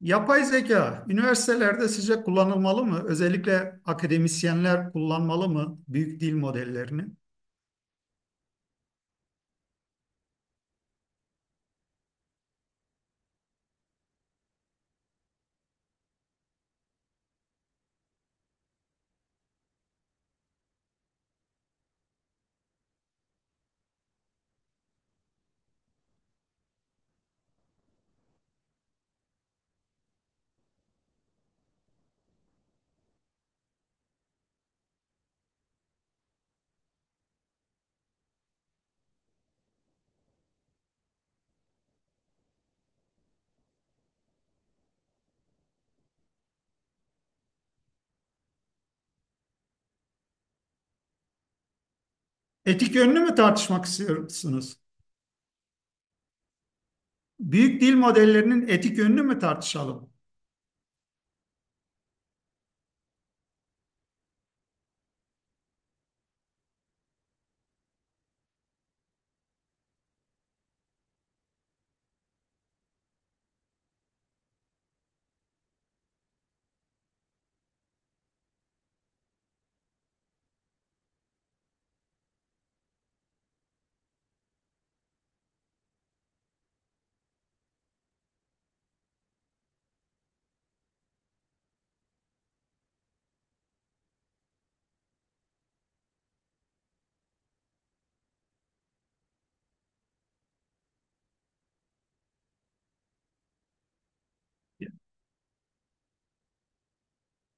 Yapay zeka üniversitelerde sizce kullanılmalı mı? Özellikle akademisyenler kullanmalı mı büyük dil modellerini? Etik yönünü mü tartışmak istiyorsunuz? Büyük dil modellerinin etik yönünü mü tartışalım?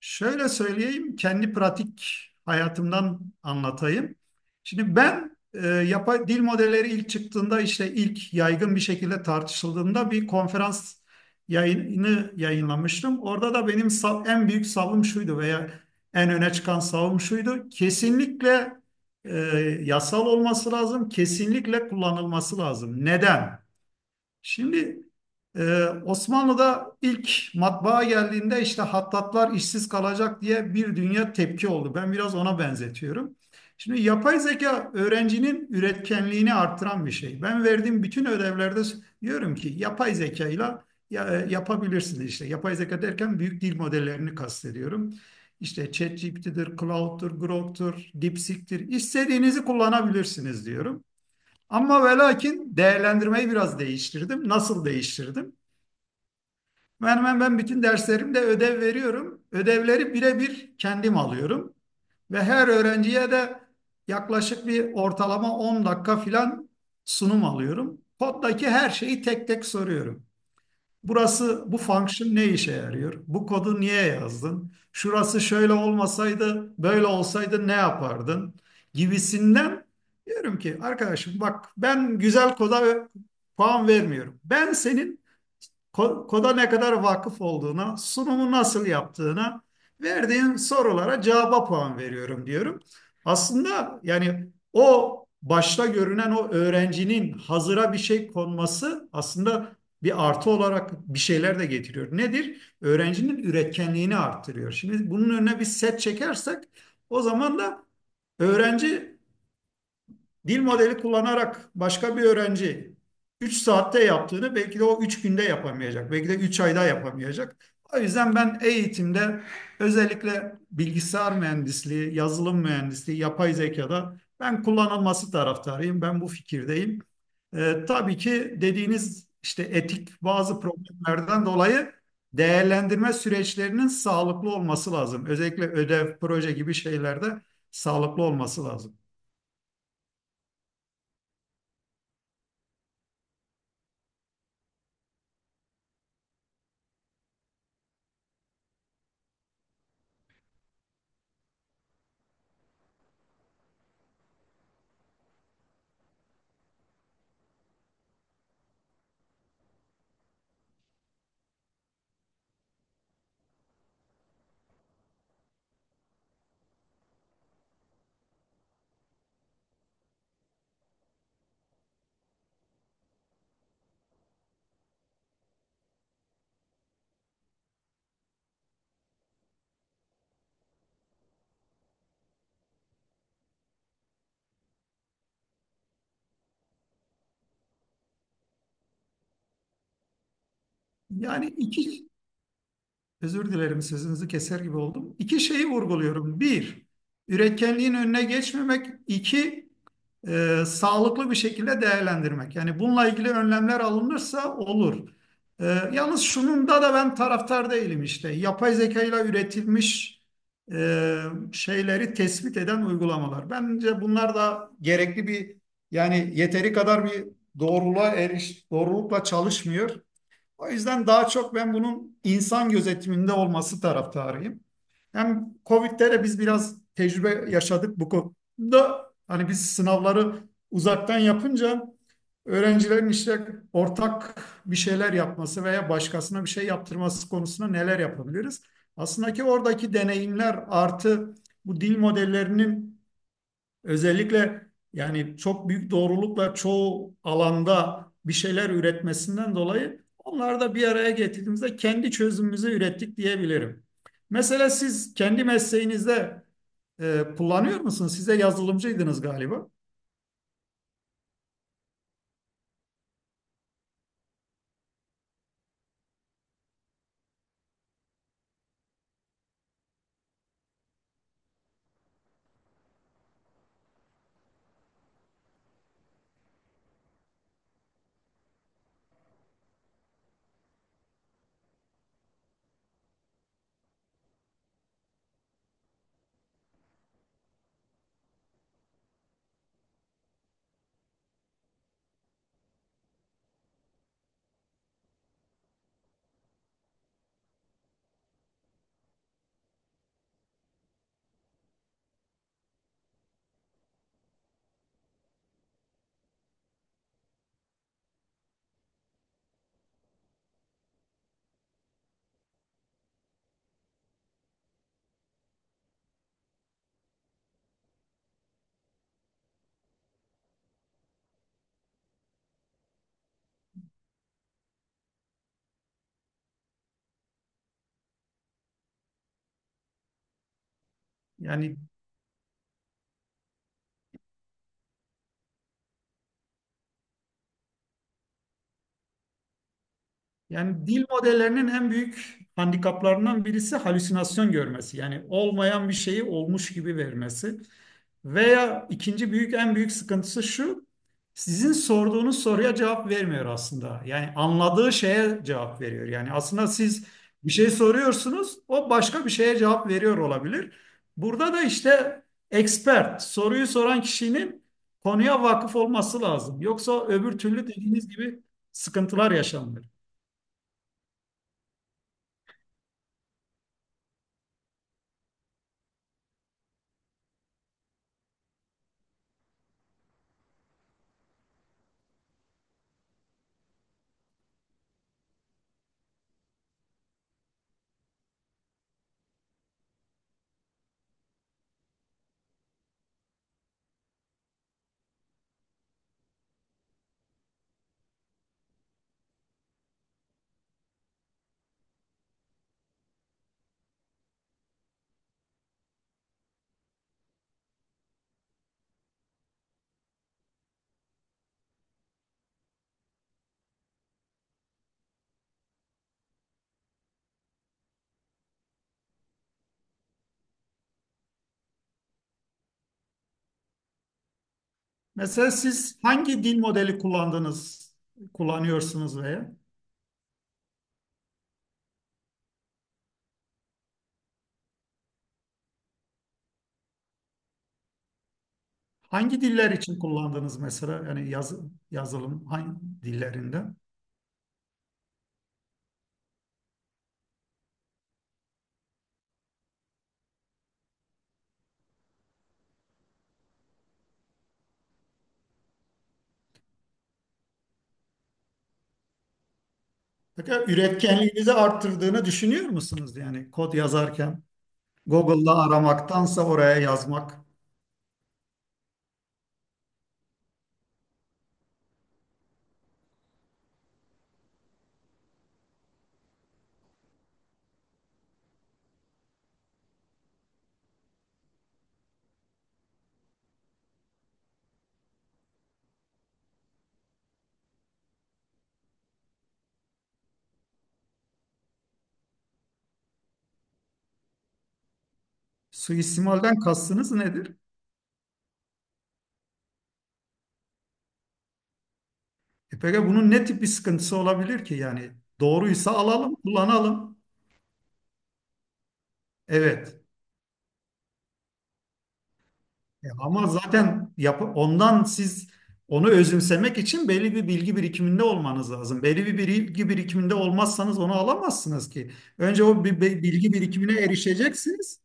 Şöyle söyleyeyim, kendi pratik hayatımdan anlatayım. Şimdi ben yapay dil modelleri ilk çıktığında işte ilk yaygın bir şekilde tartışıldığında bir konferans yayını yayınlamıştım. Orada da en büyük savım şuydu veya en öne çıkan savım şuydu. Kesinlikle e, yasal olması lazım, kesinlikle kullanılması lazım. Neden? Şimdi Osmanlı'da ilk matbaa geldiğinde işte hattatlar işsiz kalacak diye bir dünya tepki oldu. Ben biraz ona benzetiyorum. Şimdi yapay zeka öğrencinin üretkenliğini arttıran bir şey. Ben verdiğim bütün ödevlerde diyorum ki yapay zekayla ya, yapabilirsiniz işte. Yapay zeka derken büyük dil modellerini kastediyorum. İşte ChatGPT'dir, Claude'dur, Grok'tur, DeepSeek'tir. İstediğinizi kullanabilirsiniz diyorum. Ama ve lakin değerlendirmeyi biraz değiştirdim. Nasıl değiştirdim? Ben hemen bütün derslerimde ödev veriyorum. Ödevleri birebir kendim alıyorum. Ve her öğrenciye de yaklaşık bir ortalama 10 dakika filan sunum alıyorum. Koddaki her şeyi tek tek soruyorum. Burası bu function ne işe yarıyor? Bu kodu niye yazdın? Şurası şöyle olmasaydı, böyle olsaydı ne yapardın? Gibisinden diyorum ki arkadaşım, bak ben güzel koda puan vermiyorum. Ben senin koda ne kadar vakıf olduğuna, sunumu nasıl yaptığına, verdiğin sorulara cevaba puan veriyorum diyorum. Aslında yani o başta görünen o öğrencinin hazıra bir şey konması aslında bir artı olarak bir şeyler de getiriyor. Nedir? Öğrencinin üretkenliğini arttırıyor. Şimdi bunun önüne bir set çekersek o zaman da öğrenci dil modeli kullanarak başka bir öğrenci 3 saatte yaptığını belki de o 3 günde yapamayacak. Belki de 3 ayda yapamayacak. O yüzden ben eğitimde özellikle bilgisayar mühendisliği, yazılım mühendisliği, yapay zekada ben kullanılması taraftarıyım. Ben bu fikirdeyim. Tabii ki dediğiniz işte etik bazı problemlerden dolayı değerlendirme süreçlerinin sağlıklı olması lazım. Özellikle ödev, proje gibi şeylerde sağlıklı olması lazım. Yani iki Özür dilerim, sözünüzü keser gibi oldum. İki şeyi vurguluyorum. Bir, üretkenliğin önüne geçmemek. İki, sağlıklı bir şekilde değerlendirmek. Yani bununla ilgili önlemler alınırsa olur. E, yalnız şununda da ben taraftar değilim işte. Yapay zeka ile üretilmiş e, şeyleri tespit eden uygulamalar. Bence bunlar da gerekli bir yani yeteri kadar bir doğrulukla çalışmıyor. O yüzden daha çok ben bunun insan gözetiminde olması taraftarıyım. Hem Covid'de de biz biraz tecrübe yaşadık bu konuda. Hani biz sınavları uzaktan yapınca öğrencilerin işte ortak bir şeyler yapması veya başkasına bir şey yaptırması konusunda neler yapabiliriz? Aslında ki oradaki deneyimler artı bu dil modellerinin özellikle yani çok büyük doğrulukla çoğu alanda bir şeyler üretmesinden dolayı onları da bir araya getirdiğimizde kendi çözümümüzü ürettik diyebilirim. Mesela siz kendi mesleğinizde kullanıyor musunuz? Siz de yazılımcıydınız galiba. Yani Yani dil modellerinin en büyük handikaplarından birisi halüsinasyon görmesi. Yani olmayan bir şeyi olmuş gibi vermesi. Veya ikinci büyük en büyük sıkıntısı şu. Sizin sorduğunuz soruya cevap vermiyor aslında. Yani anladığı şeye cevap veriyor. Yani aslında siz bir şey soruyorsunuz, o başka bir şeye cevap veriyor olabilir. Burada da işte expert, soruyu soran kişinin konuya vakıf olması lazım. Yoksa öbür türlü dediğiniz gibi sıkıntılar yaşanır. Mesela siz hangi dil modeli kullandınız, kullanıyorsunuz veya hangi diller için kullandınız mesela yazılım hangi dillerinde? Peki üretkenliğinizi arttırdığını düşünüyor musunuz yani kod yazarken Google'da aramaktansa oraya yazmak. Suistimalden kastınız nedir? E peki bunun ne tip bir sıkıntısı olabilir ki yani doğruysa alalım, kullanalım. Evet. Ama zaten yap ondan siz onu özümsemek için belli bir bilgi birikiminde olmanız lazım. Belli bir bilgi birikiminde olmazsanız onu alamazsınız ki. Önce bilgi birikimine erişeceksiniz.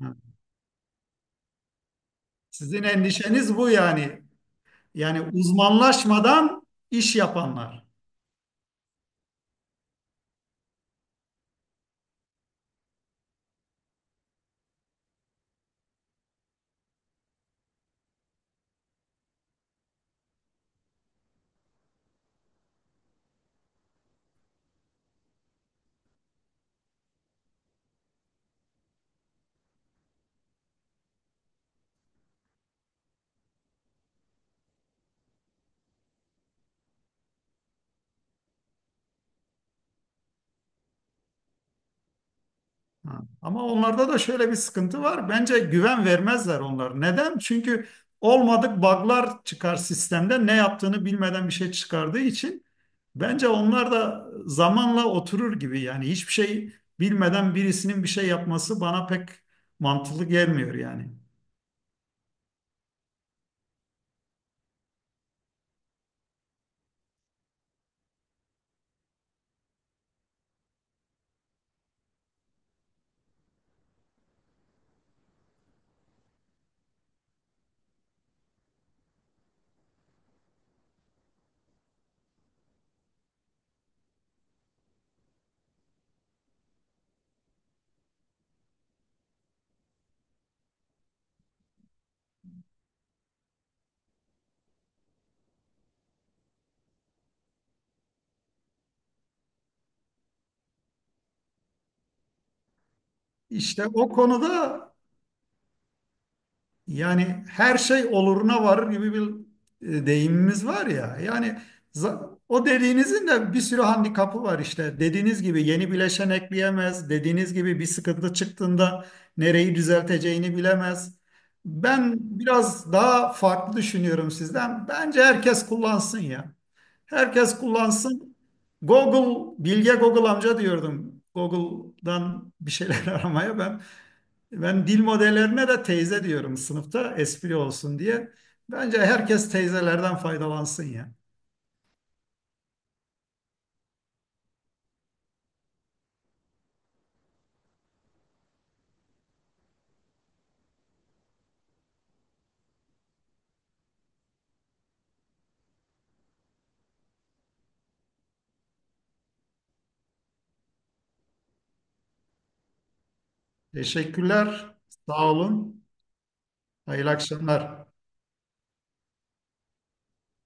Ha. Sizin endişeniz bu yani. Yani uzmanlaşmadan iş yapanlar. Ha. Ama onlarda da şöyle bir sıkıntı var. Bence güven vermezler onlar. Neden? Çünkü olmadık bug'lar çıkar sistemde. Ne yaptığını bilmeden bir şey çıkardığı için bence onlar da zamanla oturur gibi. Yani hiçbir şey bilmeden birisinin bir şey yapması bana pek mantıklı gelmiyor yani. İşte o konuda yani her şey oluruna varır gibi bir deyimimiz var ya. Yani o dediğinizin de bir sürü handikapı var işte. Dediğiniz gibi yeni bileşen ekleyemez. Dediğiniz gibi bir sıkıntı çıktığında nereyi düzelteceğini bilemez. Ben biraz daha farklı düşünüyorum sizden. Bence herkes kullansın ya. Herkes kullansın. Google, Bilge Google amca diyordum. Google'dan bir şeyler aramaya ben dil modellerine de teyze diyorum sınıfta espri olsun diye. Bence herkes teyzelerden faydalansın ya. Teşekkürler. Sağ olun. Hayırlı akşamlar.